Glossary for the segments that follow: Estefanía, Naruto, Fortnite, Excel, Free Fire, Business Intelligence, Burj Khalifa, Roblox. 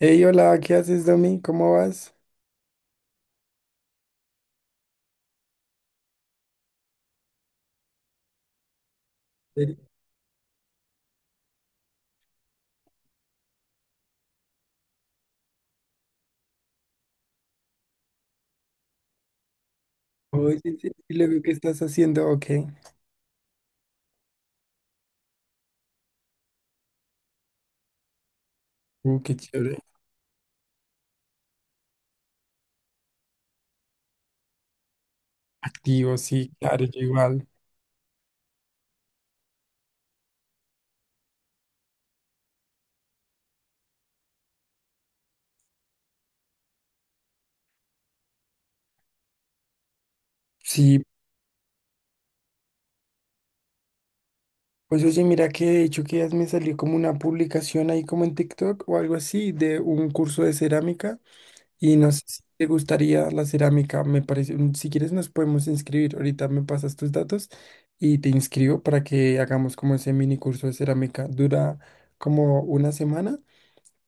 Hey, hola, ¿qué haces, Domi? ¿Cómo vas? Serio? Oye, sí, sí, lo veo que estás haciendo, ok. Qué chévere. Activo, sí, claro, yo igual. Sí, pues oye, mira que de hecho que ya me salió como una publicación ahí como en TikTok o algo así de un curso de cerámica y no sé si te gustaría la cerámica, me parece, si quieres nos podemos inscribir, ahorita me pasas tus datos y te inscribo para que hagamos como ese mini curso de cerámica. Dura como una semana.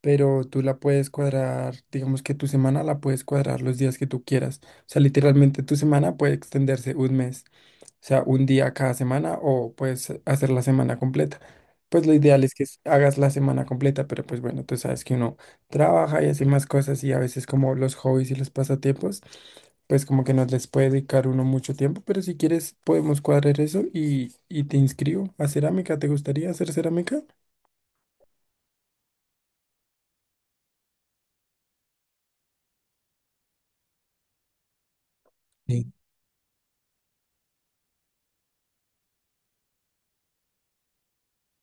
Pero tú la puedes cuadrar, digamos que tu semana la puedes cuadrar los días que tú quieras. O sea, literalmente tu semana puede extenderse un mes, o sea, un día cada semana o puedes hacer la semana completa. Pues lo ideal es que hagas la semana completa, pero pues bueno, tú sabes que uno trabaja y hace más cosas y a veces como los hobbies y los pasatiempos, pues como que no les puede dedicar uno mucho tiempo, pero si quieres podemos cuadrar eso y te inscribo a cerámica. ¿Te gustaría hacer cerámica?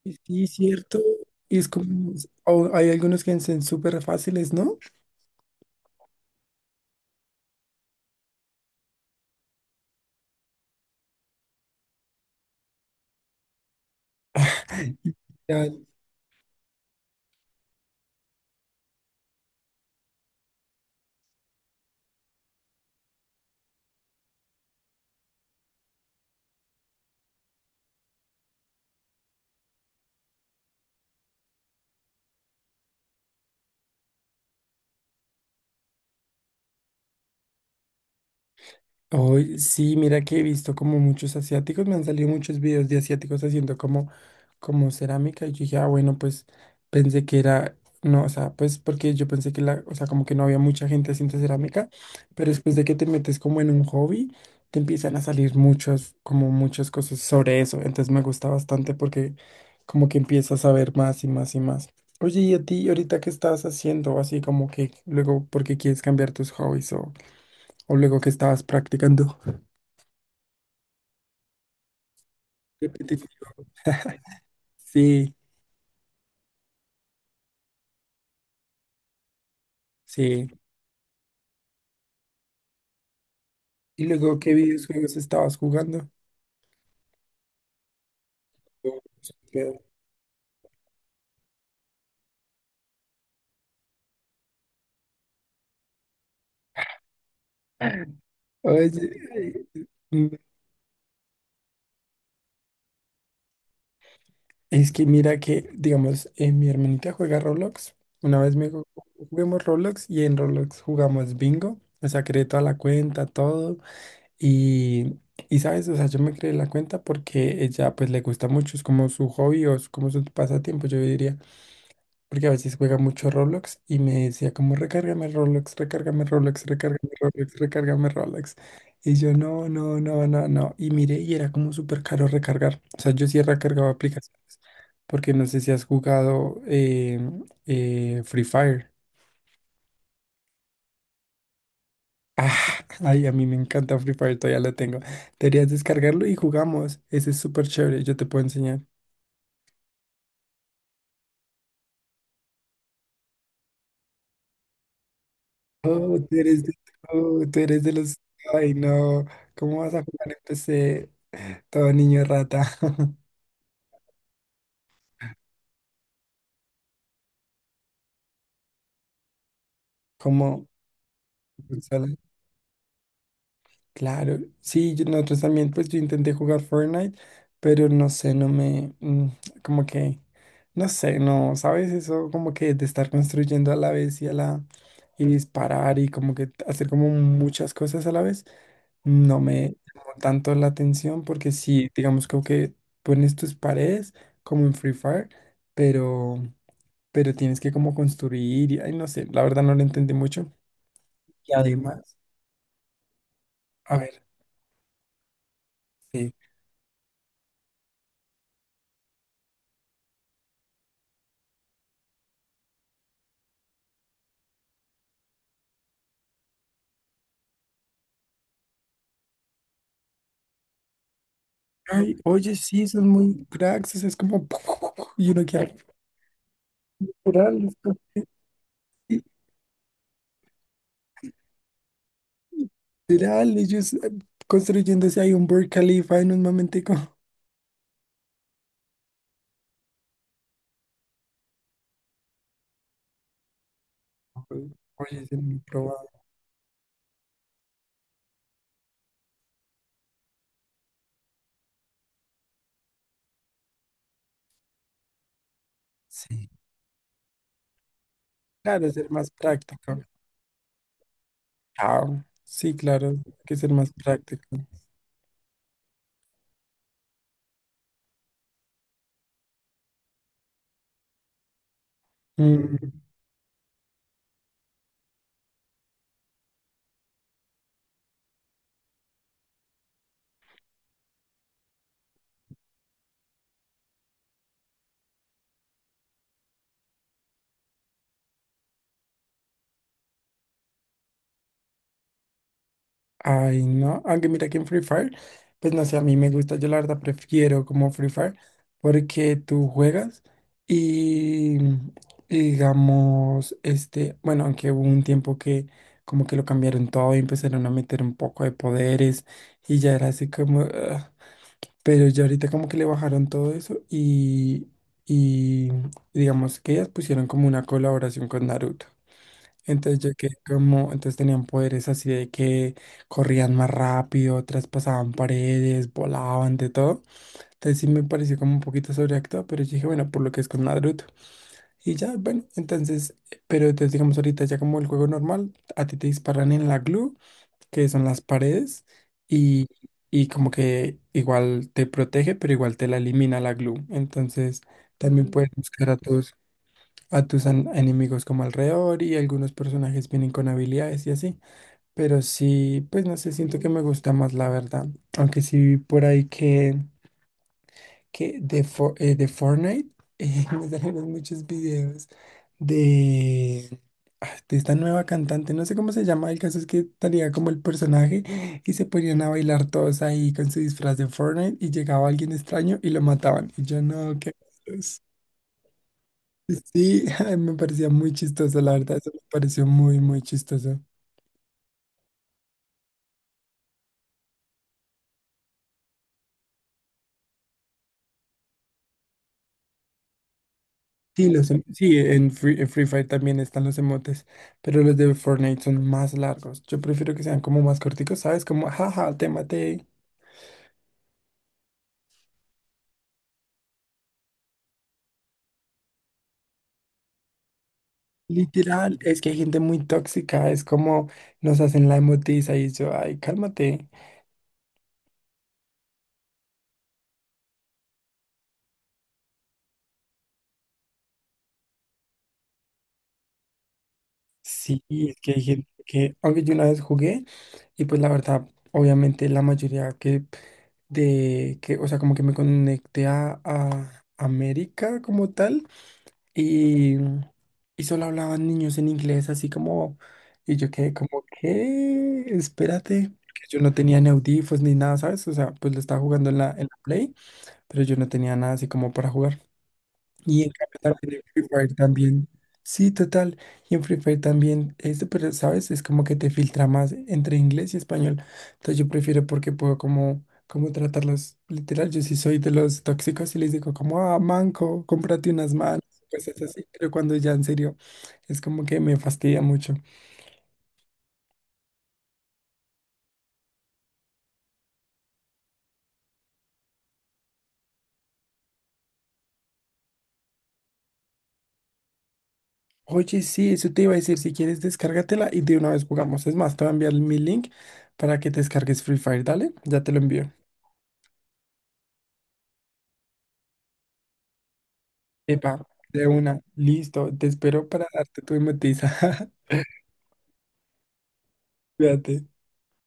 Y sí, cierto. Y es como, o hay algunos que son súper fáciles, ¿no? Ya, hoy sí, mira que he visto como muchos asiáticos, me han salido muchos videos de asiáticos haciendo como, como cerámica y yo dije, ah, bueno, pues pensé que era, no, o sea, pues porque yo pensé que la, o sea, como que no había mucha gente haciendo cerámica, pero después de que te metes como en un hobby, te empiezan a salir muchas, como muchas cosas sobre eso, entonces me gusta bastante porque como que empiezas a ver más y más y más. Oye, ¿y a ti ahorita qué estás haciendo? Así como que luego, ¿por qué quieres cambiar tus hobbies o luego qué estabas practicando? Repetitivo. Sí, sí. Y luego, ¿qué videojuegos estabas jugando? Oye, mm, es que mira que, digamos, mi hermanita juega Roblox. Una vez me dijo, juguemos Roblox y en Roblox jugamos bingo. O sea, creé toda la cuenta, todo. Y, y sabes, o sea, yo me creé la cuenta porque ella pues le gusta mucho, es como su hobby o es como su pasatiempo, yo diría. Porque a veces juega mucho Roblox y me decía como recárgame Roblox, recárgame Roblox, recárgame Roblox, recárgame Roblox. Y yo no, no, no, no, no. Y miré y era como súper caro recargar. O sea, yo sí he recargado aplicaciones. Porque no sé si has jugado Free Fire. Ah, ay, a mí me encanta Free Fire, todavía lo tengo. Deberías descargarlo y jugamos. Ese es súper chévere, yo te puedo enseñar. Oh, tú eres de, oh, tú eres de los... Ay, no. ¿Cómo vas a jugar en PC? Todo niño rata. Como, solo- claro. Sí, yo- nosotros también, pues yo intenté jugar Fortnite, pero no sé, no me, como que, no sé, no, ¿sabes? Eso como que de estar construyendo a la vez y a la, y disparar y como que hacer como muchas cosas a la vez, no me llamó tanto la atención porque sí, digamos como que pones tus paredes como en Free Fire, pero, pero tienes que como construir y, ay, no sé, la verdad no lo entendí mucho. Y además, a ver, sí. Ay, oye, sí, son muy cracks, o sea, es como, y uno queda literal, esto, literal, ellos construyéndose ahí un Burj Khalifa en un momentico. Oye, es muy probable. Sí, claro, ser más práctico. Chao. Sí, claro, hay que ser más práctico. Mm, Ay, no, aunque mira que en Free Fire, pues no sé, a mí me gusta, yo la verdad prefiero como Free Fire porque tú juegas y, y digamos, este, bueno, aunque hubo un tiempo que como que lo cambiaron todo y empezaron a meter un poco de poderes y ya era así como, ah, pero ya ahorita como que le bajaron todo eso y digamos que ellas pusieron como una colaboración con Naruto. Entonces yo que como, entonces tenían poderes así de que corrían más rápido, traspasaban paredes, volaban, de todo. Entonces sí me pareció como un poquito sobreactuado, pero yo dije, bueno, por lo que es con Naruto. Y ya, bueno, entonces, pero entonces digamos ahorita ya como el juego normal, a ti te disparan en la glue, que son las paredes, y, y como que igual te protege, pero igual te la elimina la glue. Entonces también puedes buscar a todos a tus enemigos como alrededor y algunos personajes vienen con habilidades y así. Pero sí, pues no sé, siento que me gusta más la verdad. Aunque sí vi por ahí que de, de Fortnite me salieron muchos videos de, ah, de esta nueva cantante. No sé cómo se llama, el caso es que tenía como el personaje y se ponían a bailar todos ahí con su disfraz de Fortnite y llegaba alguien extraño y lo mataban. Y yo no, qué... Sí, ay, me parecía muy chistoso, la verdad, eso me pareció muy, muy chistoso. Sí, los, sí, en en Free Fire también están los emotes, pero los de Fortnite son más largos. Yo prefiero que sean como más corticos, ¿sabes? Como, jaja, te maté. Literal, es que hay gente muy tóxica, es como nos hacen la emotiza y yo, ay, cálmate. Sí, es que hay gente que, aunque yo una vez jugué. Y pues la verdad, obviamente la mayoría que de que, o sea, como que me conecté a América como tal y, y solo hablaban niños en inglés, así como, y yo quedé como, ¿qué? Espérate, porque yo no tenía ni audífonos ni nada, ¿sabes? O sea, pues lo estaba jugando en la Play, pero yo no tenía nada así como para jugar. Y en cambio también en Free Fire también. Sí, total. Y en Free Fire también, este, pero sabes, es como que te filtra más entre inglés y español. Entonces yo prefiero porque puedo como, como tratarlos literal. Yo sí soy de los tóxicos y les digo como, ah, manco, cómprate unas manos, cosas así. Pero cuando ya en serio, es como que me fastidia mucho. Oye, sí, eso te iba a decir, si quieres descárgatela y de una vez jugamos. Es más, te voy a enviar mi link para que te descargues Free Fire, dale, ya te lo envío. Epa, de una, listo, te espero para darte tu hipnotiza. Cuídate.